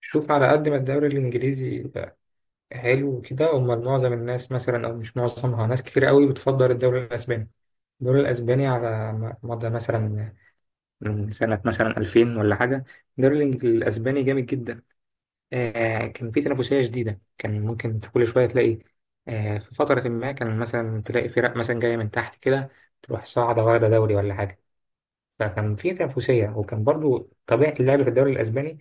شوف، على قد ما الدوري الإنجليزي حلو وكده. أمال معظم الناس مثلا، أو مش معظمها، ناس كتير قوي بتفضل الدوري الأسباني. الدوري الأسباني على مدى مثلا، من سنة مثلا 2000 ولا حاجة الدوري الأسباني جامد جدا. آه، كان في تنافسية شديدة، كان ممكن في كل شوية تلاقي، آه، في فترة ما كان مثلا تلاقي فرق مثلا جاية من تحت كده تروح صاعدة واخدة دوري ولا حاجة. فكان في تنافسية، وكان برضو طبيعة اللعب في الدوري الأسباني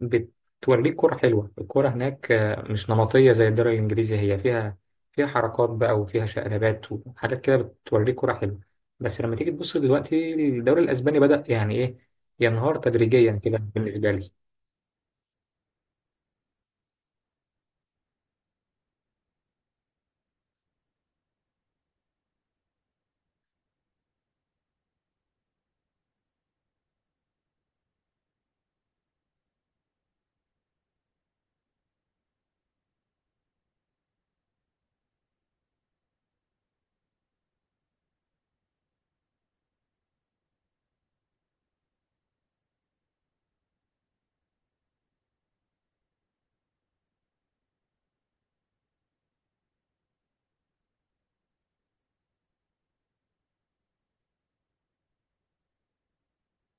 بتوريك كرة حلوة. الكرة هناك آه، مش نمطية زي الدوري الإنجليزي. هي فيها، فيها حركات بقى، وفيها شقلبات وحاجات كده، بتوريك كرة حلوة. بس لما تيجي تبص دلوقتي الدوري الأسباني بدأ يعني إيه، ينهار تدريجيا كده بالنسبة لي.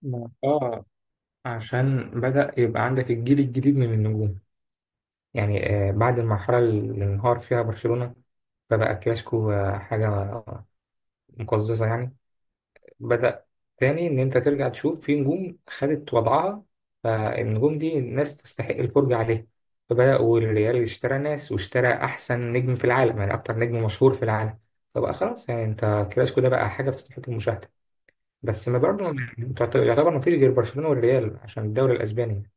آه، عشان بدأ يبقى عندك الجيل الجديد من النجوم. يعني آه، بعد المرحلة اللي انهار فيها برشلونة فبقى الكلاسيكو آه، حاجة مقززة يعني. بدأ تاني إن أنت ترجع تشوف في نجوم خدت وضعها، فالنجوم دي الناس تستحق الفرجة عليها. فبدأوا الريال اشترى ناس، واشترى أحسن نجم في العالم، يعني أكتر نجم مشهور في العالم. فبقى خلاص يعني أنت كلاسيكو ده بقى حاجة تستحق المشاهدة. بس ما برضه يعني يعتبر ما فيش غير برشلونة والريال عشان الدوري الأسباني.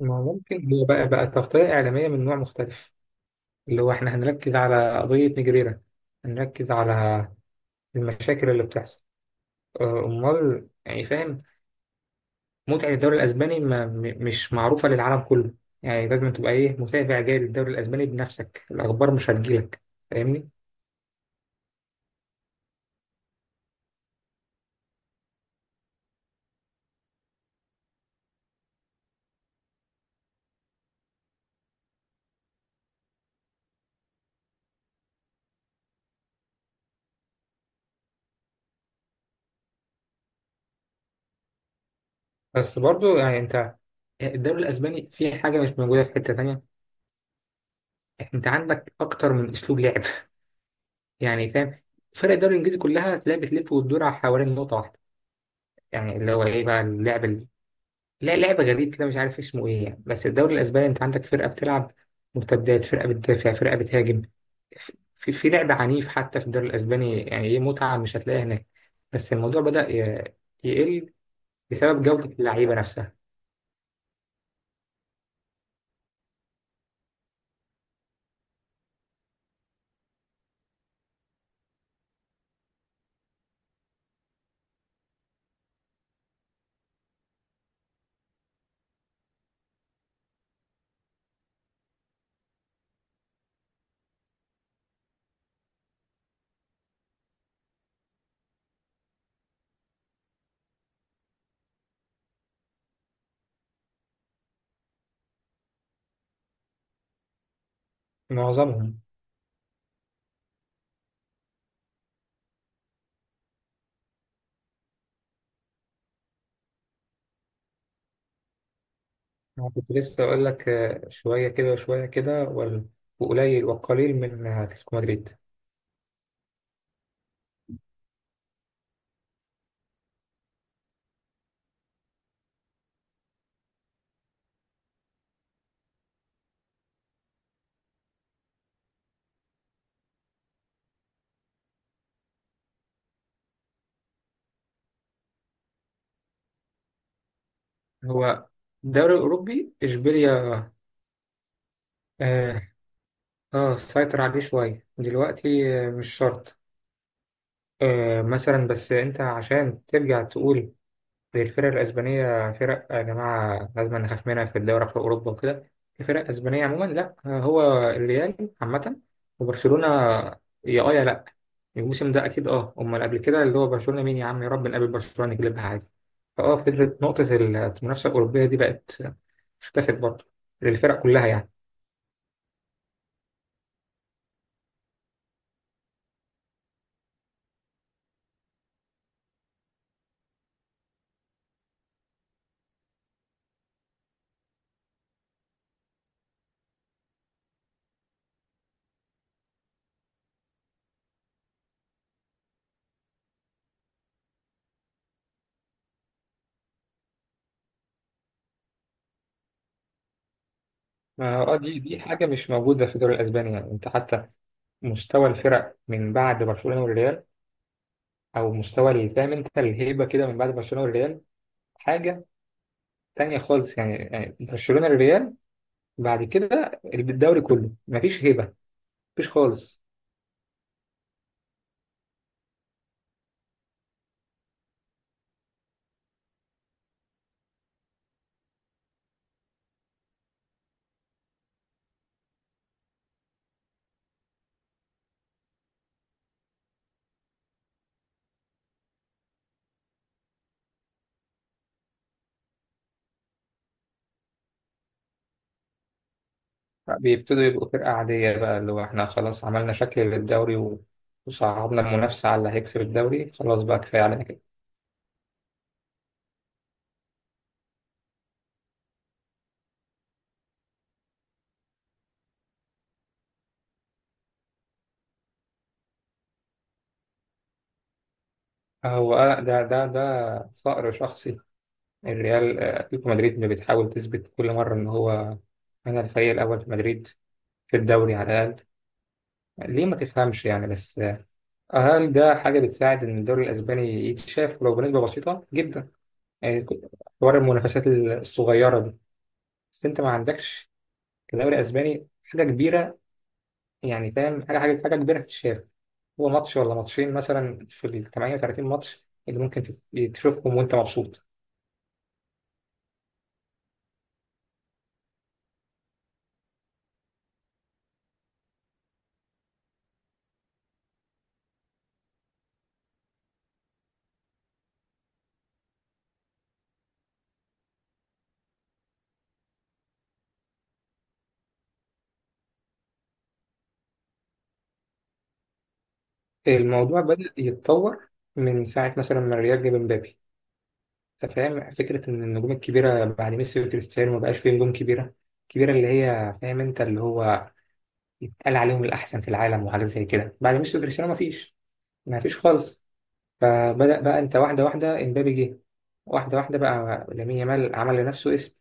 ما هو ممكن هو بقى تغطية إعلامية من نوع مختلف، اللي هو إحنا هنركز على قضية نجريرة، هنركز على المشاكل اللي بتحصل، آه، أمال، يعني فاهم؟ متعة الدوري الأسباني ما م- مش معروفة للعالم كله. يعني لازم تبقى إيه، متابع جاي للدوري الأسباني بنفسك، الأخبار مش هتجيلك. فاهمني؟ بس برضو يعني أنت الدوري الأسباني فيه حاجة مش موجودة في حتة تانية. أنت عندك أكتر من أسلوب لعب. يعني فاهم؟ فرق الدوري الإنجليزي كلها تلاقي بتلف وتدور على حوالين نقطة واحدة، يعني اللي هو إيه بقى اللعب، لا لعبة غريب كده مش عارف اسمه ايه يعني. بس الدوري الاسباني انت عندك فرقة بتلعب مرتدات، فرقة بتدافع، فرقة بتهاجم. في لعب عنيف حتى في الدوري الاسباني. يعني ايه، متعة مش هتلاقيها هناك. بس الموضوع بدأ يقل بسبب جودة اللعيبة نفسها. معظمهم يعني. انا كنت لسه اقول لك آه، شوية كده وشوية كده، وقليل، والقليل من آه، اتلتيكو مدريد. هو الدوري الاوروبي اشبيليا. اه، آه، سيطر عليه شوية دلوقتي، آه، مش شرط. آه، مثلا، بس انت عشان ترجع تقول زي الفرق الاسبانيه فرق يا جماعه لازم نخاف منها في الدوري في اوروبا وكده، في فرق اسبانيه عموما، لا. آه، هو الريال عامه وبرشلونه، يا اه يا لا. الموسم ده اكيد، اه، امال قبل كده اللي هو برشلونه مين؟ يا عم يا رب نقابل برشلونه نجلبها عادي. فاه، فكره نقطه المنافسه الاوروبيه دي بقت، اختفت برضه للفرق كلها يعني. اه، دي حاجه مش موجوده في الدوري الاسباني. يعني انت حتى مستوى الفرق من بعد برشلونه والريال، او مستوى فاهم انت الهيبه كده من بعد برشلونه والريال، حاجه تانية خالص يعني. يعني برشلونه الريال، بعد كده الدوري كله مفيش هيبه، مفيش خالص. بيبتدوا يبقوا فرقه عاديه بقى، اللي هو احنا خلاص عملنا شكل للدوري وصعبنا المنافسه على اللي هيكسب الدوري، خلاص بقى كفايه علينا كده. هو آه، ده صقر شخصي، الريال آه، اتلتيكو مدريد اللي بتحاول تثبت كل مره ان هو انا الفريق الاول في مدريد، في الدوري على الاقل. ليه ما تفهمش يعني؟ بس أهم ده حاجة بتساعد إن الدوري الأسباني يتشاف ولو بنسبة بسيطة جدا، يعني حوار المنافسات الصغيرة دي. بس أنت ما عندكش في الدوري الأسباني حاجة كبيرة، يعني فاهم؟ حاجة كبيرة تتشاف. هو ماتش ولا ماتشين مثلا في ال 38 ماتش اللي ممكن تشوفهم وأنت مبسوط. الموضوع بدأ يتطور من ساعة مثلا ما الريال جاب مبابي. أنت فاهم فكرة إن النجوم الكبيرة بعد ميسي وكريستيانو ما بقاش فيه نجوم كبيرة كبيرة، اللي هي فاهم أنت اللي هو يتقال عليهم الأحسن في العالم وحاجات زي كده؟ بعد ميسي وكريستيانو مفيش، مفيش خالص. فبدأ بقى أنت واحدة واحدة إمبابي جه، واحدة واحدة بقى لامين يامال عمل لنفسه اسم،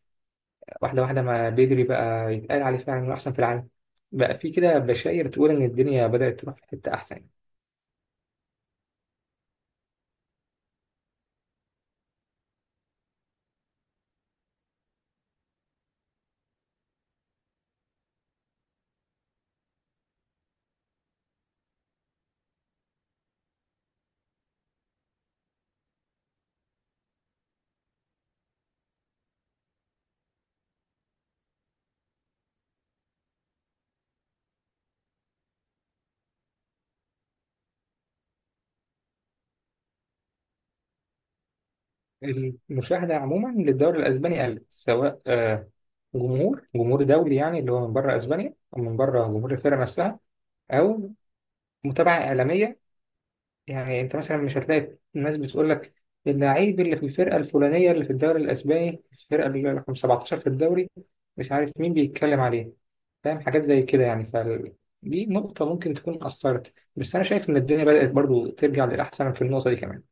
واحدة واحدة ما بدري بقى يتقال عليه فعلا إنه أحسن في العالم. بقى في كده بشاير تقول إن الدنيا بدأت تروح في حتة أحسن. المشاهدة عموما للدوري الأسباني قلت، سواء آه، جمهور دولي يعني اللي هو من بره أسبانيا، أو من بره جمهور الفرقة نفسها، أو متابعة إعلامية. يعني انت مثلا مش هتلاقي الناس بتقول لك اللعيب اللي في الفرقه الفلانيه اللي في الدوري الاسباني، الفرقه اللي رقم 17 في الدوري، مش عارف مين بيتكلم عليه، فاهم حاجات زي كده يعني. دي نقطه ممكن تكون اثرت، بس انا شايف ان الدنيا بدات برضو ترجع للاحسن في النقطه دي كمان.